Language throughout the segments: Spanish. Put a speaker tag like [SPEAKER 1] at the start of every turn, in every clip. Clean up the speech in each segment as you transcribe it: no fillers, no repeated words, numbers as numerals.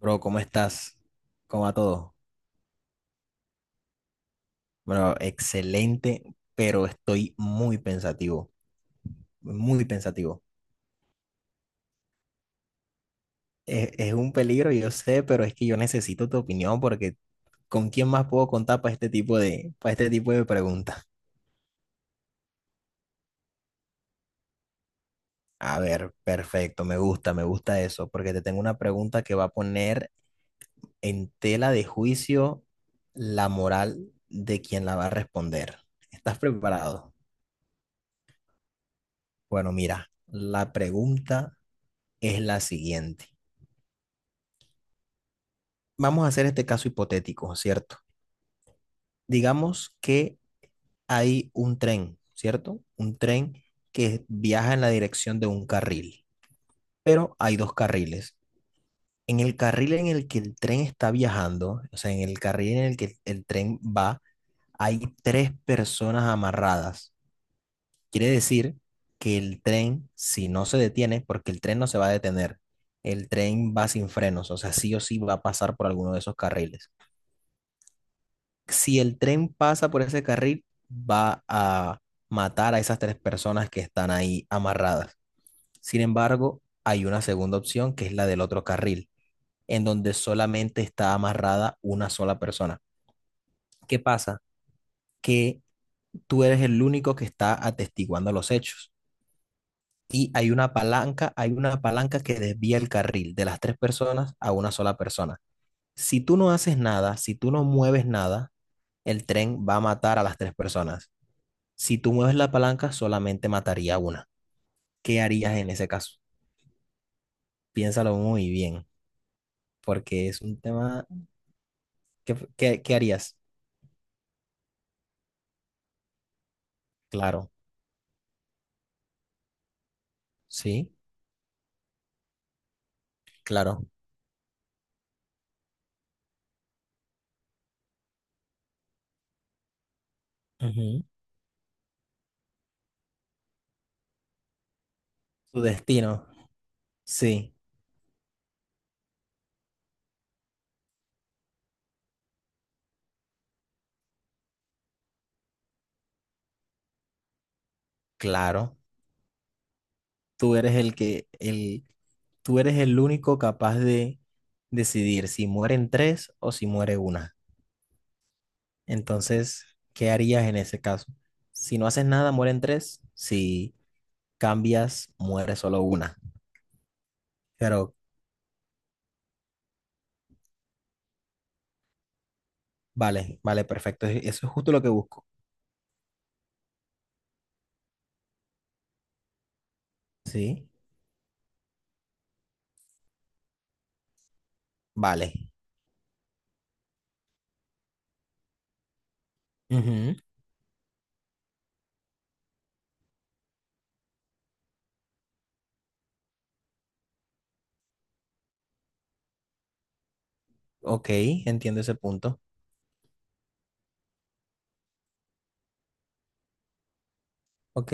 [SPEAKER 1] Bro, ¿cómo estás? ¿Cómo va todo? Bro, excelente, pero estoy muy pensativo, muy pensativo. Es un peligro, yo sé, pero es que yo necesito tu opinión porque ¿con quién más puedo contar para este tipo de preguntas? A ver, perfecto, me gusta eso, porque te tengo una pregunta que va a poner en tela de juicio la moral de quien la va a responder. ¿Estás preparado? Bueno, mira, la pregunta es la siguiente. Vamos a hacer este caso hipotético, ¿cierto? Digamos que hay un tren, ¿cierto? Un tren que viaja en la dirección de un carril, pero hay dos carriles. En el carril en el que el tren está viajando, o sea, en el carril en el que el tren va, hay tres personas amarradas. Quiere decir que el tren, si no se detiene, porque el tren no se va a detener, el tren va sin frenos, o sea, sí o sí va a pasar por alguno de esos carriles. Si el tren pasa por ese carril, va a matar a esas tres personas que están ahí amarradas. Sin embargo, hay una segunda opción que es la del otro carril, en donde solamente está amarrada una sola persona. ¿Qué pasa? Que tú eres el único que está atestiguando los hechos. Y hay una palanca que desvía el carril de las tres personas a una sola persona. Si tú no haces nada, si tú no mueves nada, el tren va a matar a las tres personas. Si tú mueves la palanca, solamente mataría una. ¿Qué harías en ese caso? Piénsalo muy bien, porque es un tema... ¿Qué harías? Claro, sí, claro. Ujú. Tu destino, sí, claro. Tú eres el que, el, tú eres el único capaz de decidir si mueren tres o si muere una. Entonces, ¿qué harías en ese caso? Si no haces nada, mueren tres. Si cambias, muere solo una. Pero Vale, vale, perfecto. Eso es justo lo que busco. Sí, vale. Ujú, Ok, entiendo ese punto. Ok,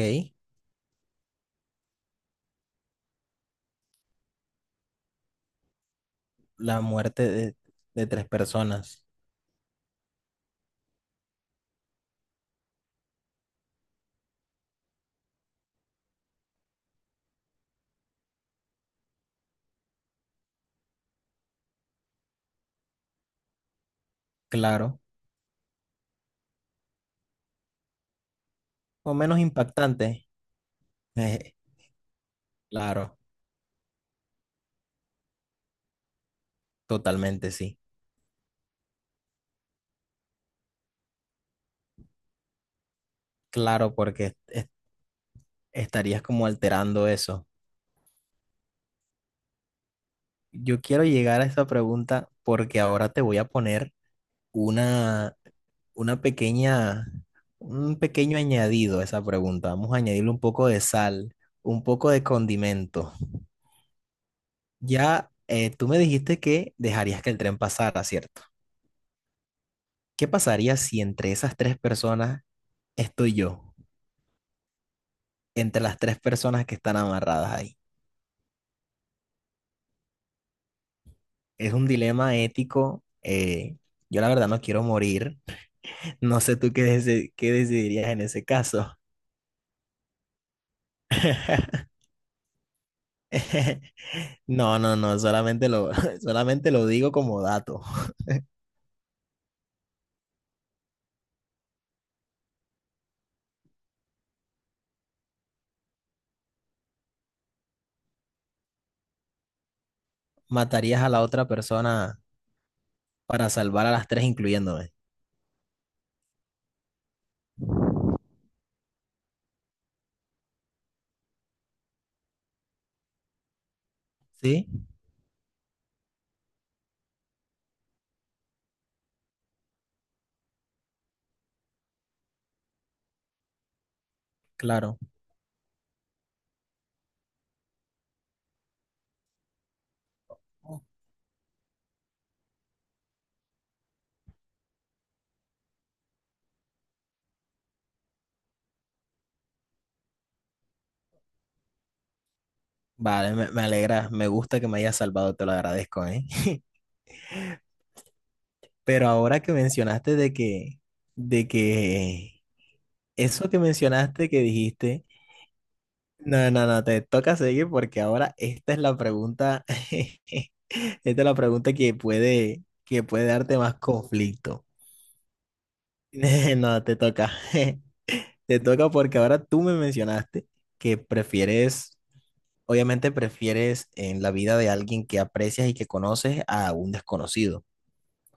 [SPEAKER 1] la muerte de tres personas. Claro. O menos impactante. eh, claro, totalmente, sí. Claro, estarías como alterando eso. Yo quiero llegar a esa pregunta porque ahora te voy a poner una una un pequeño añadido a esa pregunta. Vamos a añadirle un poco de sal, un poco de condimento. Ya tú me dijiste que dejarías que el tren pasara, ¿cierto? ¿Qué pasaría si entre esas tres personas estoy yo? Entre las tres personas que están amarradas ahí. Es un dilema ético. Yo la verdad no quiero morir. No sé tú qué decidirías en ese caso. No, no, no, solamente lo digo como dato. Matarías a la otra persona para salvar a las tres, incluyéndome. ¿Sí? Claro. Vale, me alegra, me gusta que me hayas salvado, te lo agradezco, ¿eh? Pero ahora que mencionaste de que, eso que mencionaste que dijiste, no, no, no, te toca seguir porque ahora esta es la pregunta, esta es la pregunta que que puede darte más conflicto. No, te toca, te toca porque ahora tú me mencionaste que prefieres obviamente prefieres en la vida de alguien que aprecias y que conoces a un desconocido,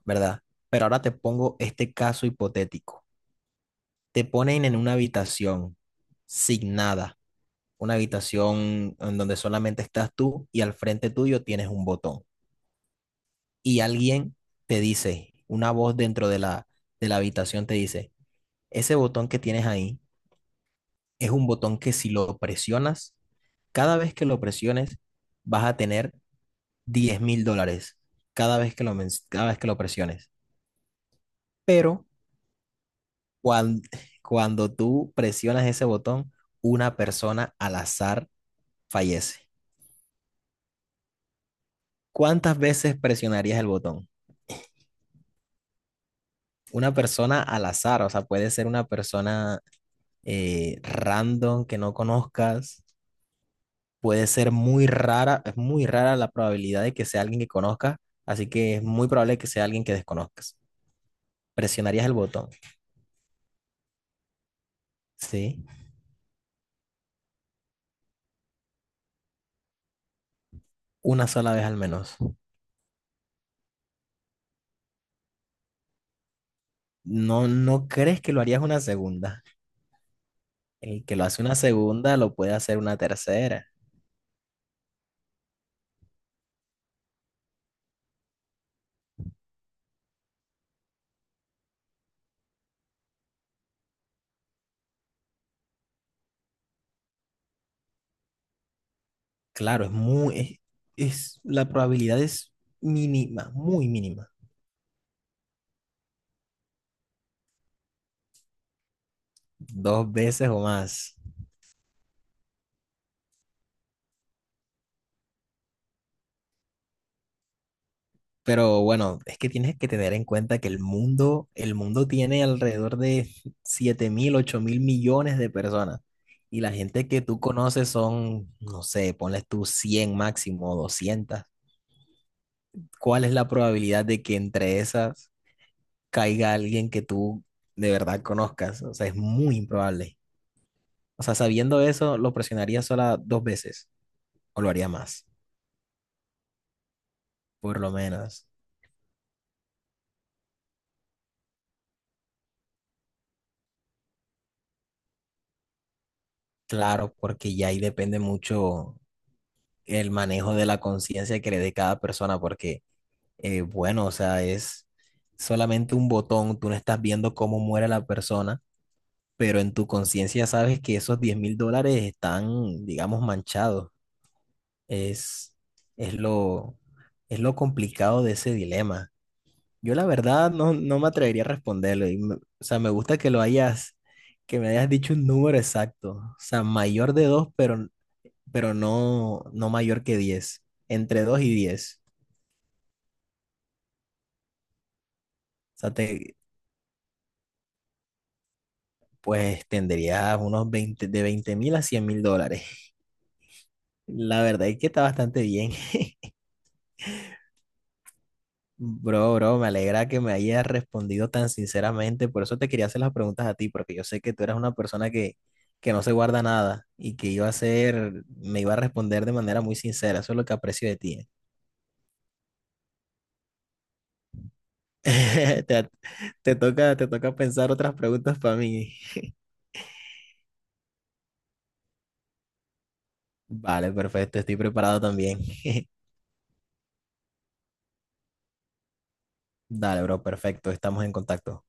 [SPEAKER 1] ¿verdad? Pero ahora te pongo este caso hipotético. Te ponen en una habitación sin nada, una habitación en donde solamente estás tú y al frente tuyo tienes un botón. Y alguien te dice, una voz de la habitación te dice, ese botón que tienes ahí es un botón que si lo presionas, cada vez que lo presiones, vas a tener $10.000 cada vez que lo presiones. Pero cuando, cuando tú presionas ese botón, una persona al azar fallece. ¿Cuántas veces presionarías el botón? Una persona al azar, o sea, puede ser una persona random que no conozcas, puede ser muy rara, es muy rara la probabilidad de que sea alguien que conozcas, así que es muy probable que sea alguien que desconozcas. Presionarías el botón, ¿sí? Una sola vez al menos. ¿No, no crees que lo harías una segunda? El que lo hace una segunda lo puede hacer una tercera. Claro, es muy, es- la probabilidad es mínima, muy mínima. Dos veces o más. Pero bueno, es que tienes que tener en cuenta que el mundo tiene alrededor de 7.000 u 8.000 millones de personas. Y la gente que tú conoces son, no sé, ponles tú 100 máximo, 200. ¿Cuál es la probabilidad de que entre esas caiga alguien que tú de verdad conozcas? O sea, es muy improbable. O sea, sabiendo eso, lo presionaría sola dos veces o lo haría más, por lo menos. Claro, porque ya ahí depende mucho el manejo de la conciencia que le dé cada persona, porque, bueno, o sea, es solamente un botón, tú no estás viendo cómo muere la persona, pero en tu conciencia sabes que esos $10.000 están, digamos, manchados. Es, es lo, es lo complicado de ese dilema. Yo la verdad no, no me atrevería a responderlo. O sea, me gusta que me hayas dicho un número exacto. O sea, mayor de 2 pero no, no mayor que 10. Entre 2 y 10. O sea, te, pues tendrías unos 20, de 20.000 a $100.000. La verdad es que está bastante bien. Bro, bro, me alegra que me hayas respondido tan sinceramente. Por eso te quería hacer las preguntas a ti, porque yo sé que tú eres una persona que no se guarda nada y que iba a ser, me iba a responder de manera muy sincera. Eso es lo que aprecio de ti. Te, te toca, te toca pensar otras preguntas para mí. Vale, perfecto. Estoy preparado también. Dale, bro, perfecto. Estamos en contacto.